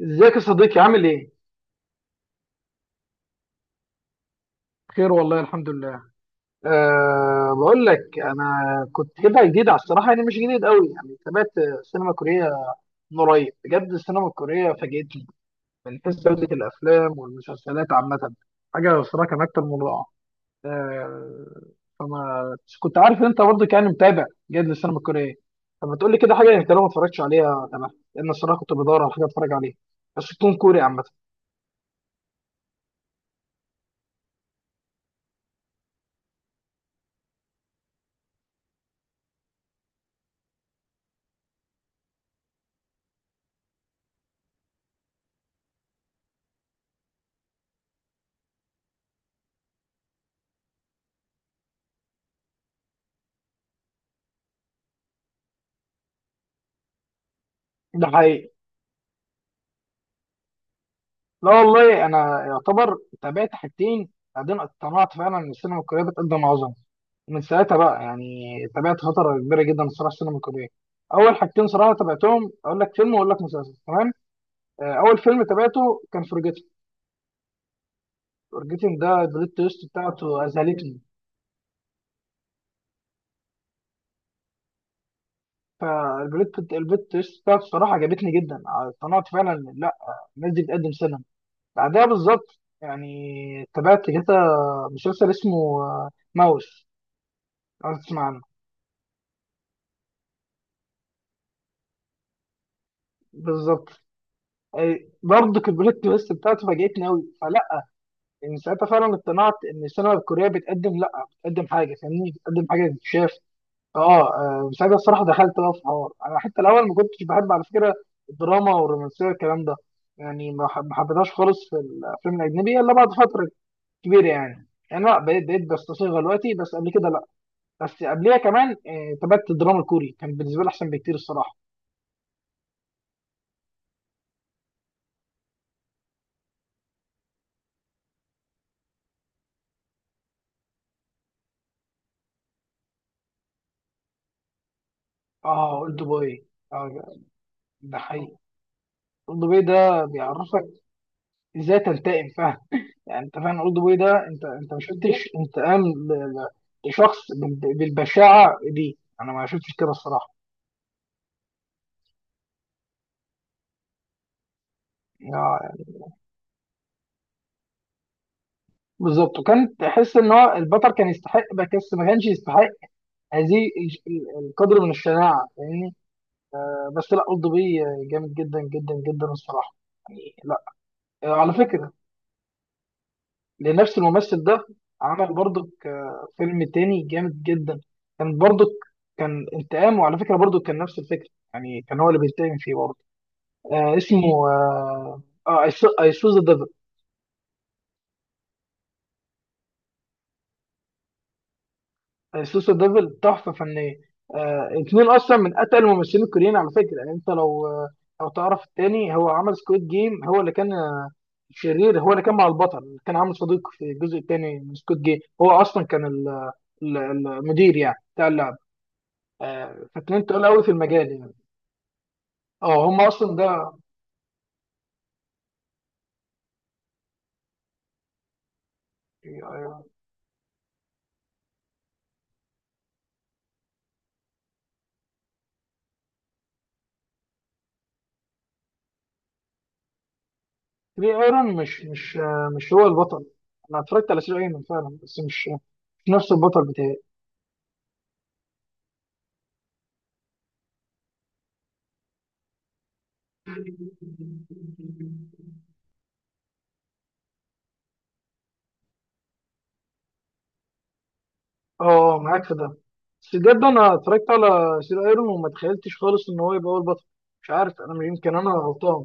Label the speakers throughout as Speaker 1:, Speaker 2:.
Speaker 1: ازيك يا صديقي؟ عامل ايه؟ خير والله، الحمد لله. أه، بقول لك انا كنت كده جديد على الصراحه، يعني مش جديد قوي، يعني تابعت السينما الكوريه من قريب. بجد السينما الكوريه فاجئتني من حيث جوده الافلام والمسلسلات عامه، حاجه الصراحه كان اكتر من رائعه. أه، فما كنت عارف ان انت برضه كان متابع جيد للسينما الكوريه، فما تقول لي كده حاجه انت لو ما اتفرجتش عليها؟ تمام؟ لان الصراحه كنت بدور على حاجه اتفرج عليها، بس تكون كوري عامه. ده حقيقي. لا والله، انا يعتبر تابعت حاجتين، بعدين اقتنعت فعلا ان السينما الكوريه بتقدم عظمه، ومن ساعتها بقى يعني تابعت فتره كبيره جدا الصراحه السينما الكوريه. اول حاجتين صراحه تابعتهم، اقول لك فيلم واقول لك مسلسل، تمام؟ اول فيلم تابعته كان فورجيتن. فورجيتن ده البلوت تويست بتاعته اذهلتني. فالبلوت تويست بتاعته الصراحه عجبتني جدا، اقتنعت فعلا إن لا، الناس دي بتقدم سينما. بعدها بالظبط يعني تابعت كده مسلسل اسمه ماوس، لو تسمع عنه. بالظبط. برضه كبريت بس بتاعته فاجأتني قوي، فلا، من ساعتها فعلا اقتنعت ان السينما الكوريه بتقدم، لا بتقدم حاجه فاهمني، بتقدم حاجه تتشاف. اه. من ساعتها الصراحه دخلت بقى في حوار، انا حتى الاول ما كنتش بحب على فكره الدراما والرومانسيه والكلام ده، يعني ما حبيتهاش خالص في الافلام الاجنبيه الا بعد فتره كبيره، يعني لا، بقيت بستصيغها دلوقتي، بس قبل كده لا. بس قبليها كمان تابعت الدراما الكوري، كان بالنسبه لي احسن بكتير الصراحه. اه اولد بوي، اه. ده حقيقي. اولد بوي ده بيعرفك ازاي تنتقم، فاهم؟ يعني انت فاهم اولد بوي ده؟ انت ما شفتش انتقام لشخص بالبشاعه دي، انا ما شفتش كده الصراحه. يعني. بالظبط، وكان تحس ان هو البطل كان يستحق، بس ما كانش يستحق القدر من الشناعه، فاهمني؟ بس لا، اولد بوي جامد جدا جدا جدا الصراحه، يعني لا. على فكره، لنفس الممثل ده، عمل برضك فيلم تاني جامد جدا، كان برضك كان انتقام، وعلى فكرة برضك كان نفس الفكرة، يعني كان هو اللي بينتقم فيه برضه. آه اسمه، اه، اي سو ذا ديفل. اي سو ذا ديفل تحفة فنية. آه، اتنين اصلا من اتقل الممثلين الكوريين على فكرة، يعني انت لو لو تعرف التاني، هو عمل سكويد جيم، هو اللي كان شرير، هو اللي كان مع البطل اللي كان عامل صديق في الجزء التاني من سكويد جيم، هو اصلا كان المدير يعني بتاع اللعبة. فاتنين تقول قوي في المجال يعني. اه هم اصلا ده. آه، تري ايرون، مش هو البطل؟ انا اتفرجت على تري ايرون فعلا، بس مش نفس البطل بتاعي. اه. معاك في ده، بس بجد انا اتفرجت على سير ايرون وما تخيلتش خالص ان هو يبقى هو البطل. مش عارف، انا مش- يمكن انا غلطان،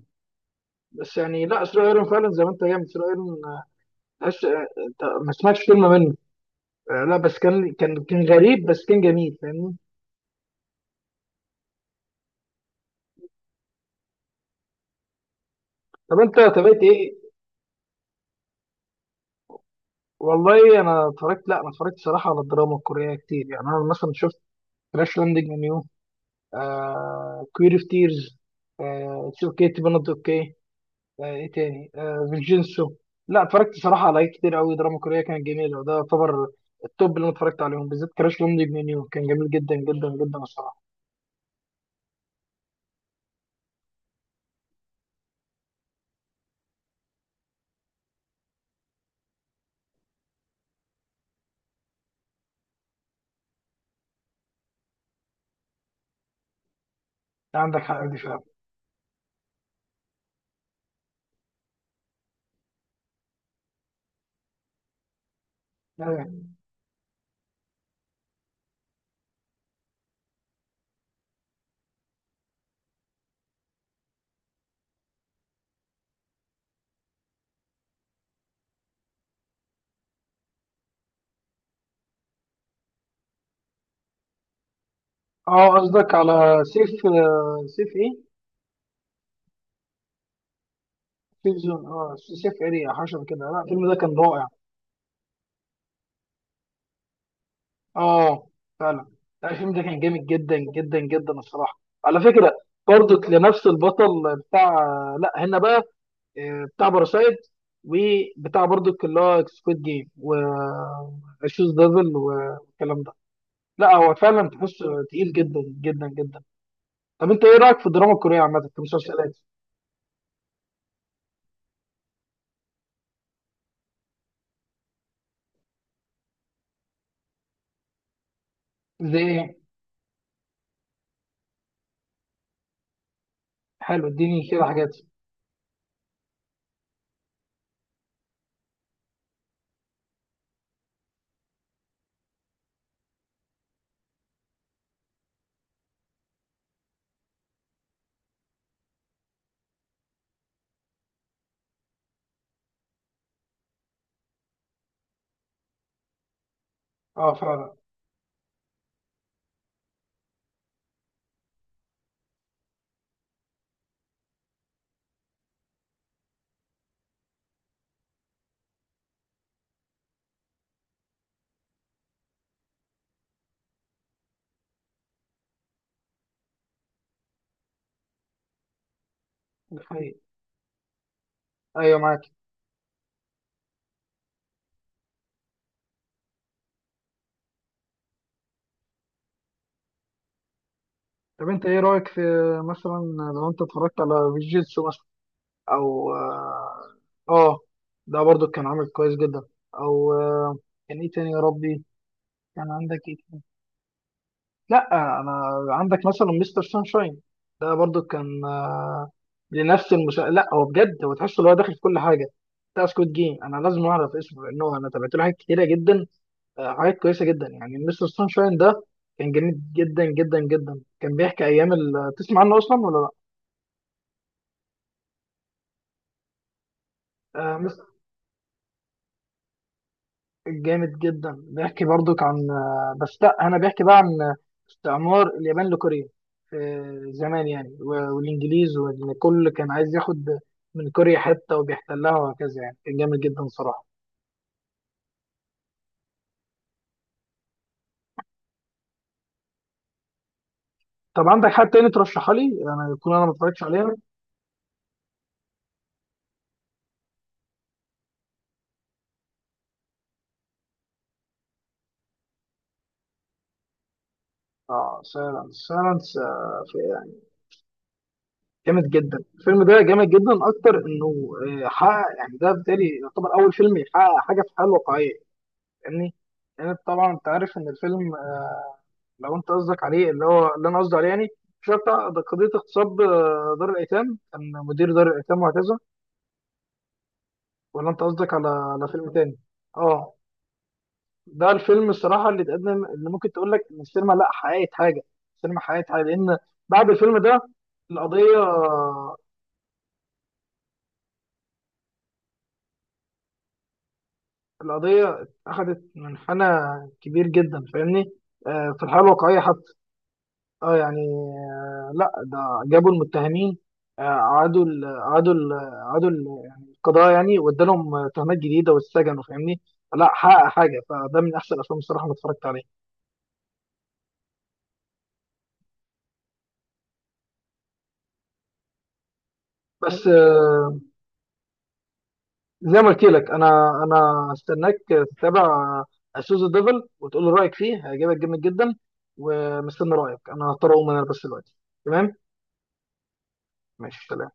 Speaker 1: بس يعني لا، سير ايرون فعلا زي ما انت، جامد. سير ايرون تحس انت ما سمعتش كلمه منه. لا بس كان كان غريب، بس كان جميل، فاهمني؟ طب انت تابعت ايه؟ والله انا اتفرجت، لا انا اتفرجت صراحه على الدراما الكوريه كتير، يعني انا مثلا شفت كراش لاندنج اون يو، كوير اوف تيرز، اتس اوكي تو بي نوت اوكي، ايه تاني، فينجينسو. لا اتفرجت صراحه على حاجات كتير قوي دراما كوريه كانت جميله، وده يعتبر التوب اللي انا اتفرجت عليهم. بالذات كراش لاندنج اون يو كان جميل جدا جدا جدا الصراحه. لا، عندك حق، دي فعلا. اه، قصدك على سيف، آه، سيف ايه؟ سيف زون، اه سيف اريا، حشر كده. لا الفيلم ده كان رائع. اه فعلا. لا الفيلم ده كان جامد جدا جدا جدا الصراحه، على فكره. برضك لنفس البطل بتاع، لا هنا بقى بتاع باراسايت، وبتاع برضك اللي هو سكويد جيم، و شوز ديفل والكلام ده. لا هو فعلا تحس تقيل جدا جدا جدا. طب انت ايه رايك في الدراما الكوريه عامه كمسلسلات؟ زي ايه، حلو، اديني كده حاجات. اه فعلا. ده حقيقي. ايوه معاك. طب انت ايه رايك في، مثلا، لو انت اتفرجت على فيجيتسو مثلا، او اه آه، ده برضو كان عامل كويس جدا، او كان ايه تاني يا ربي، كان عندك ايه تاني؟ لا انا، عندك مثلا مستر سانشاين، ده برضو كان لنفس لا هو بجد هو تحس ان هو داخل في كل حاجه، بتاع سكوت جيم. انا لازم اعرف اسمه لانه انا تابعت له حاجات كتيره جدا، حاجات كويسه جدا، يعني مستر سانشاين ده كان جميل جدا جدا جدا. كان بيحكي ايام تسمع عنه اصلا ولا لا؟ آه، جامد جدا، بيحكي برضك عن بس لا انا، بيحكي بقى عن استعمار اليابان لكوريا زمان يعني، والانجليز، وان كل كان عايز ياخد من كوريا حته وبيحتلها وهكذا، يعني كان جامد جدا صراحه. طب عندك حد تاني ترشحها لي انا يكون انا ما اتفرجتش عليها؟ اه سايلنس، سايلنس، يعني جامد جدا الفيلم ده، جامد جدا اكتر انه حقق، يعني ده بالتالي يعتبر اول فيلم يحقق حاجه في الحياه الواقعيه، فاهمني؟ لان يعني طبعا انت عارف ان الفيلم، لو انت قصدك عليه اللي هو اللي انا قصدي عليه يعني، مش هو بتاع ده قضيه اغتصاب، دار الايتام، كان مدير دار الايتام وهكذا، ولا انت قصدك على على فيلم تاني؟ اه. ده الفيلم الصراحه اللي اتقدم، اللي ممكن تقول لك ان السينما، لا حققت حاجه، السينما حققت حاجه، لان بعد الفيلم ده القضيه، القضيه اخذت منحنى كبير جدا، فاهمني؟ في الحاله الواقعيه حتى. اه يعني لا ده، جابوا المتهمين، يعني القضاء يعني، وادالهم تهمات جديده واتسجنوا، فاهمني؟ لا حقق حاجه، فده من احسن الافلام الصراحه اللي اتفرجت عليها. بس زي ما قلت لك، انا انا هستناك تتابع سوز ديفل وتقول لي رايك فيه، هيعجبك جامد جدا. ومستني رايك. انا هضطر اقوم انا بس دلوقتي. تمام؟ ماشي، سلام.